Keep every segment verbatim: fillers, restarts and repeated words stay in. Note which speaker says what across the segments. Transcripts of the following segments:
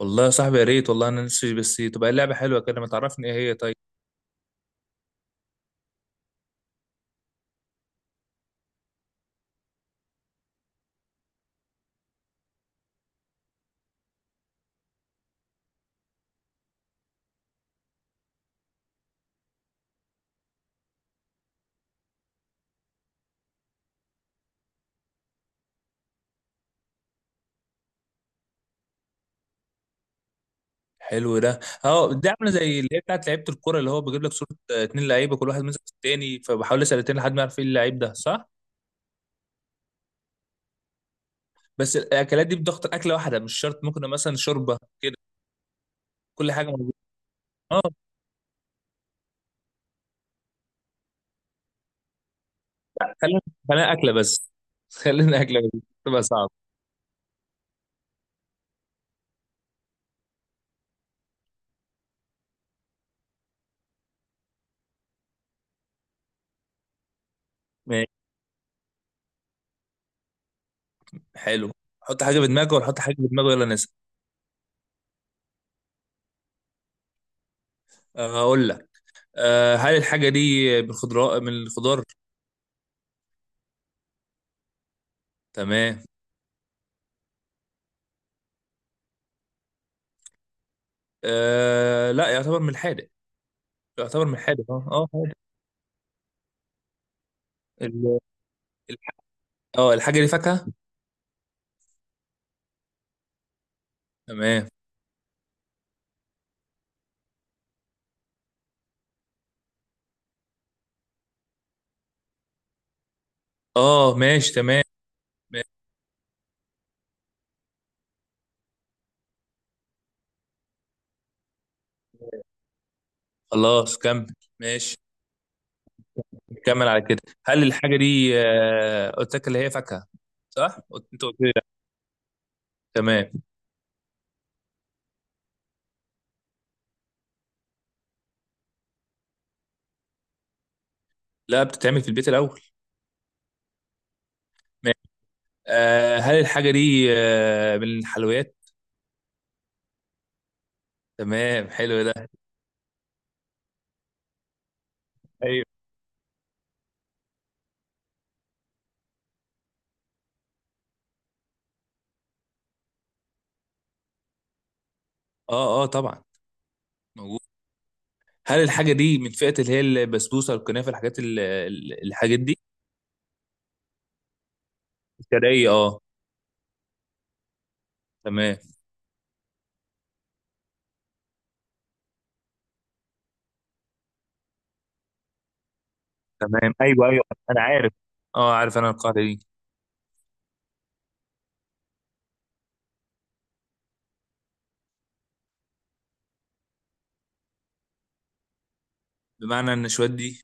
Speaker 1: والله يا صاحبي، يا ريت والله، انا نفسي بس تبقى اللعبه حلوه كده. ما تعرفني ايه هي؟ طيب. حلو ده. اه، دي عامله زي اللي هي بتاعت لعيبه الكوره، اللي هو بجيب لك صوره. آه، اتنين لعيبه، كل واحد ماسك التاني، فبحاول اسال التاني لحد ما يعرف ايه اللعيب ده، صح؟ بس الاكلات دي بضغط اكله واحده مش شرط، ممكن مثلا شوربه كده. كل حاجه موجوده. اه. خلينا خلينا اكله بس خلينا اكله بس. تبقى صعب. ماشي، حلو. حط حاجه في دماغك ولا حط حاجه في دماغه؟ يلا نسال. آه، اقول لك. آه، هل الحاجه دي من الخضراء، من الخضار؟ تمام. آه، لا، يعتبر من الحادق. يعتبر من حادق، اه اه، حادق. ال- ال- اه الحاجة دي فاكهة؟ تمام. اه، ماشي. تمام، ماشي. خلاص، كمل. ماشي، كمل على كده. هل الحاجة دي آه، قلت لك اللي هي فاكهة؟ صح؟ قلت- انت قلت لي لا. تمام. لا، بتتعمل في البيت الأول. ماشي. آه هل الحاجة دي آه من الحلويات؟ تمام، حلو ده. ايوه. اه اه، طبعا. موجود. هل الحاجة دي من فئة اللي هي البسبوسة، الكنافة، الحاجات ال- ال- الحاجات دي؟ الشرقية، اه. تمام. تمام، ايوه ايوه، انا عارف. اه، عارف انا القاعده دي. بمعنى النشويات دي؟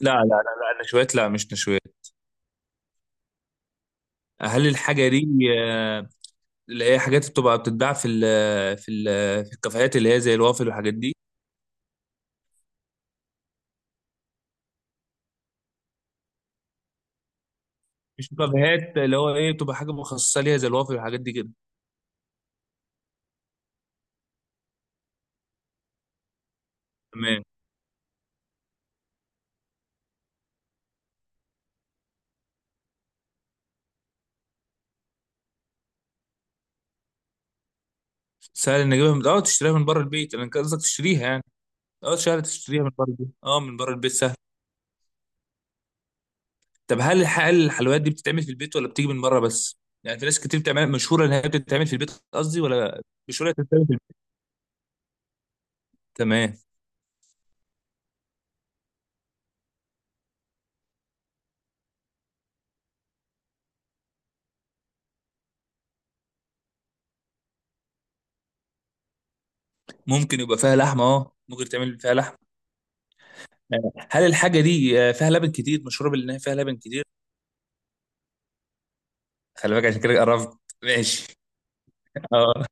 Speaker 1: لا لا لا لا، النشويات، لا، مش نشويات. هل الحاجه دي آه، اللي هي حاجات بتبقى بتتباع في ال في ال في الكافيهات، اللي هي زي الوافل والحاجات دي. مش كافيهات، اللي هو ايه، بتبقى حاجه مخصصه ليها زي الوافل والحاجات دي كده. تمام. سهل ان اجيبها من اه تشتريها من بره البيت؟ انا كان قصدك تشتريها يعني؟ اه، سهل تشتريها من بره البيت، اه، من بره البيت سهل. طب هل الح- هل الحلويات دي بتتعمل في البيت ولا بتيجي من بره بس؟ يعني في ناس كتير بتعمل، مشهوره ان هي بتتعمل في البيت، قصدي، ولا؟ مشهوره إنها بتتعمل في البيت؟ تمام. ممكن يبقى فيها لحمه، اه، ممكن تعمل فيها لحمه. هل الحاجه دي آه، فيها لبن كتير، مشهوره بان هي فيها لبن كتير؟ خلي بالك، عشان كده قربت. ماشي. اه.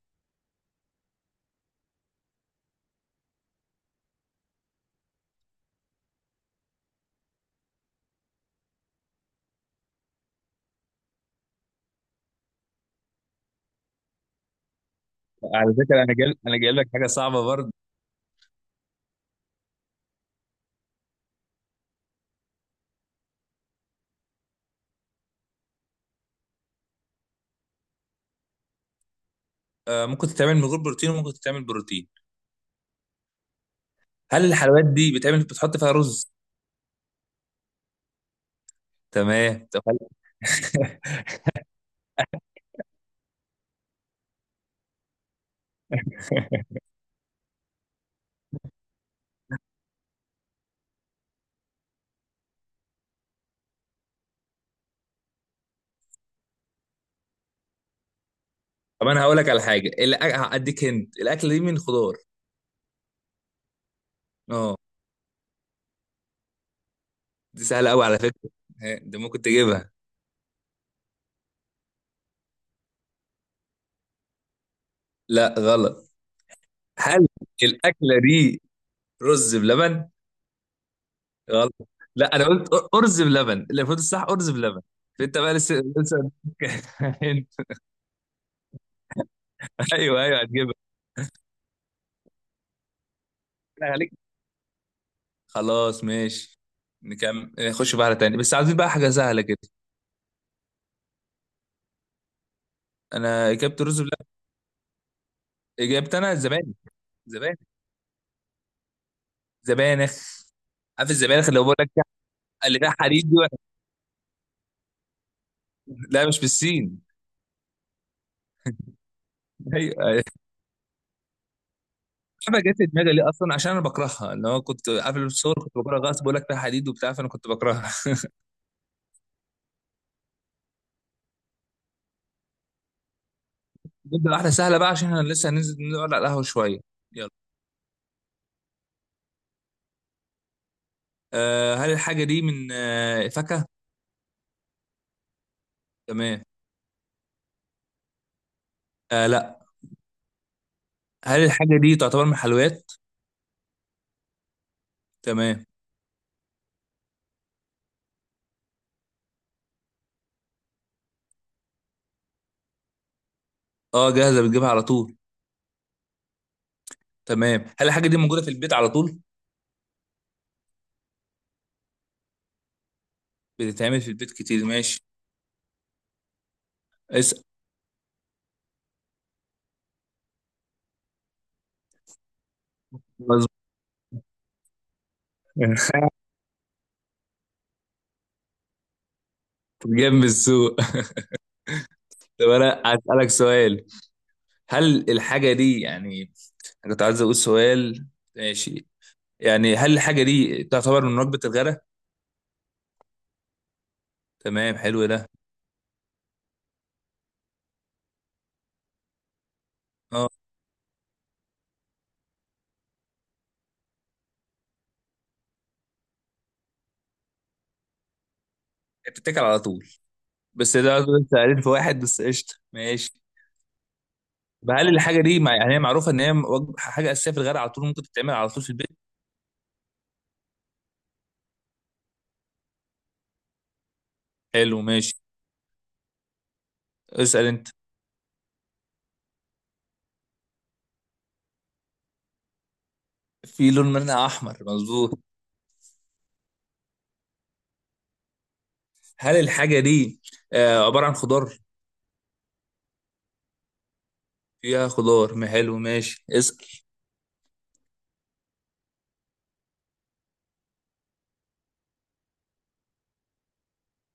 Speaker 1: على فكره، انا جايب انا جايب لك حاجه صعبه برضه. آه، ممكن تتعمل من غير بروتين، وممكن تتعمل بروتين. هل الحلويات دي بتعمل، بتحط فيها رز؟ تمام. طب هل- طب انا هقول لك على حاجه، الأ- هديك، هنت، الاكله دي من خضار. اه، دي سهلة أوي على فكرة. ها، ده ممكن تجيبها. لا، غلط. هل الأكلة دي رز بلبن؟ غلط. لا، أنا قلت أر- أرز بلبن، اللي المفروض الصح أرز بلبن. أنت بقى، لسه لسه أنت. أيوه أيوه، هتجيبها. بالله عليك. خلاص، ماشي. نكمل، نخش بقى على تاني، بس عايزين بقى حاجة سهلة كده. أنا إجابة الرز بلبن. إجابتي أنا الزبانخ. زبانخ. زبانخ. عارف الزبانخ، اللي هو بقول لك. اللي فيها حديد دي، ولا- لا، مش بالسين. ايوه أيوه. حاجه جت في دماغي ليه اصلا عشان انا بكرهها، ان هو كنت قبل الصور كنت بكره غصب، بقول لك فيها حديد وبتاع، فانا كنت بكرهها. نبدا واحده سهله بقى، عشان احنا لسه هننزل نقعد على القهوه شويه. يلا. أه هل الحاجه دي من أه فاكهه؟ تمام. أه، لا. هل الحاجه دي تعتبر من حلويات؟ تمام. اه، جاهزه بتجيبها على طول. تمام. هل الحاجه دي موجوده في البيت على طول؟ بتتعمل في البيت كتير، ماشي. اسال. مظبوط. جنب السوق. طب انا هسالك سؤال. هل الحاجه دي يعني، أنا كنت عايز اقول سؤال. ماشي. يعني هل الحاجه دي تعتبر من وجبه الغداء؟ تمام، حلو ده. اه، بتتاكل على طول. بس ده انت قليل في واحد بس، قشطه، ماشي. طب هل الحاجه دي مع، يعني هي معروفه ان هي وجبة- حاجه اساسيه في الغداء، على طول ممكن تتعمل على طول في البيت؟ حلو، ماشي. اسال انت. في لون منها احمر، مظبوط. هل الحاجه دي آه عباره عن خضار؟ فيها خضار، ما حلو، ماشي، اسال.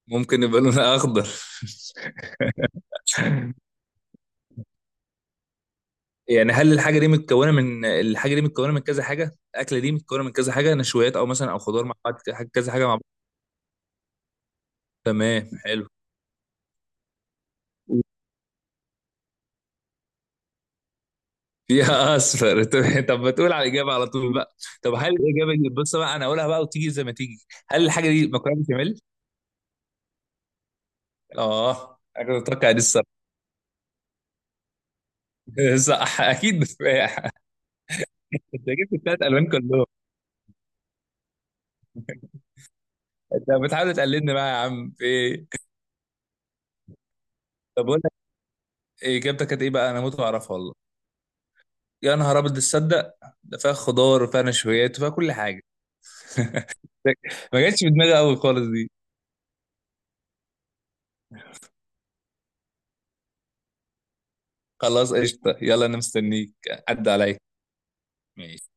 Speaker 1: ممكن يبقى لونها اخضر. يعني هل الحاجه دي متكونه من، الحاجه دي متكونه من كذا حاجه، الاكله دي متكونه من كذا حاجه، نشويات او مثلا او خضار مع بعض؟ كذا حاجه مع. تمام، حلو. فيها اصفر. طب طب ما تقول على الاجابه على طول بقى؟ طب هل الاجابه دي، بص بقى انا اقولها بقى وتيجي زي ما تيجي. هل الحاجه دي مكرونه بشاميل؟ اه، انا كنت متوقع دي الصراحه. صح، اكيد بتفاح. انت جبت الثلاث الوان كلهم. انت بتحاول تقلدني بقى يا عم، في ايه؟ طب اقول لك. إيه، اجابتك كانت ايه بقى؟ انا موت واعرفها والله. يا نهار ابيض، تصدق. ده فيها خضار وفيها نشويات وفيها كل حاجه. ما جاتش في دماغي قوي خالص دي. خلاص، قشطه، يلا انا مستنيك. عدى عليا. ماشي.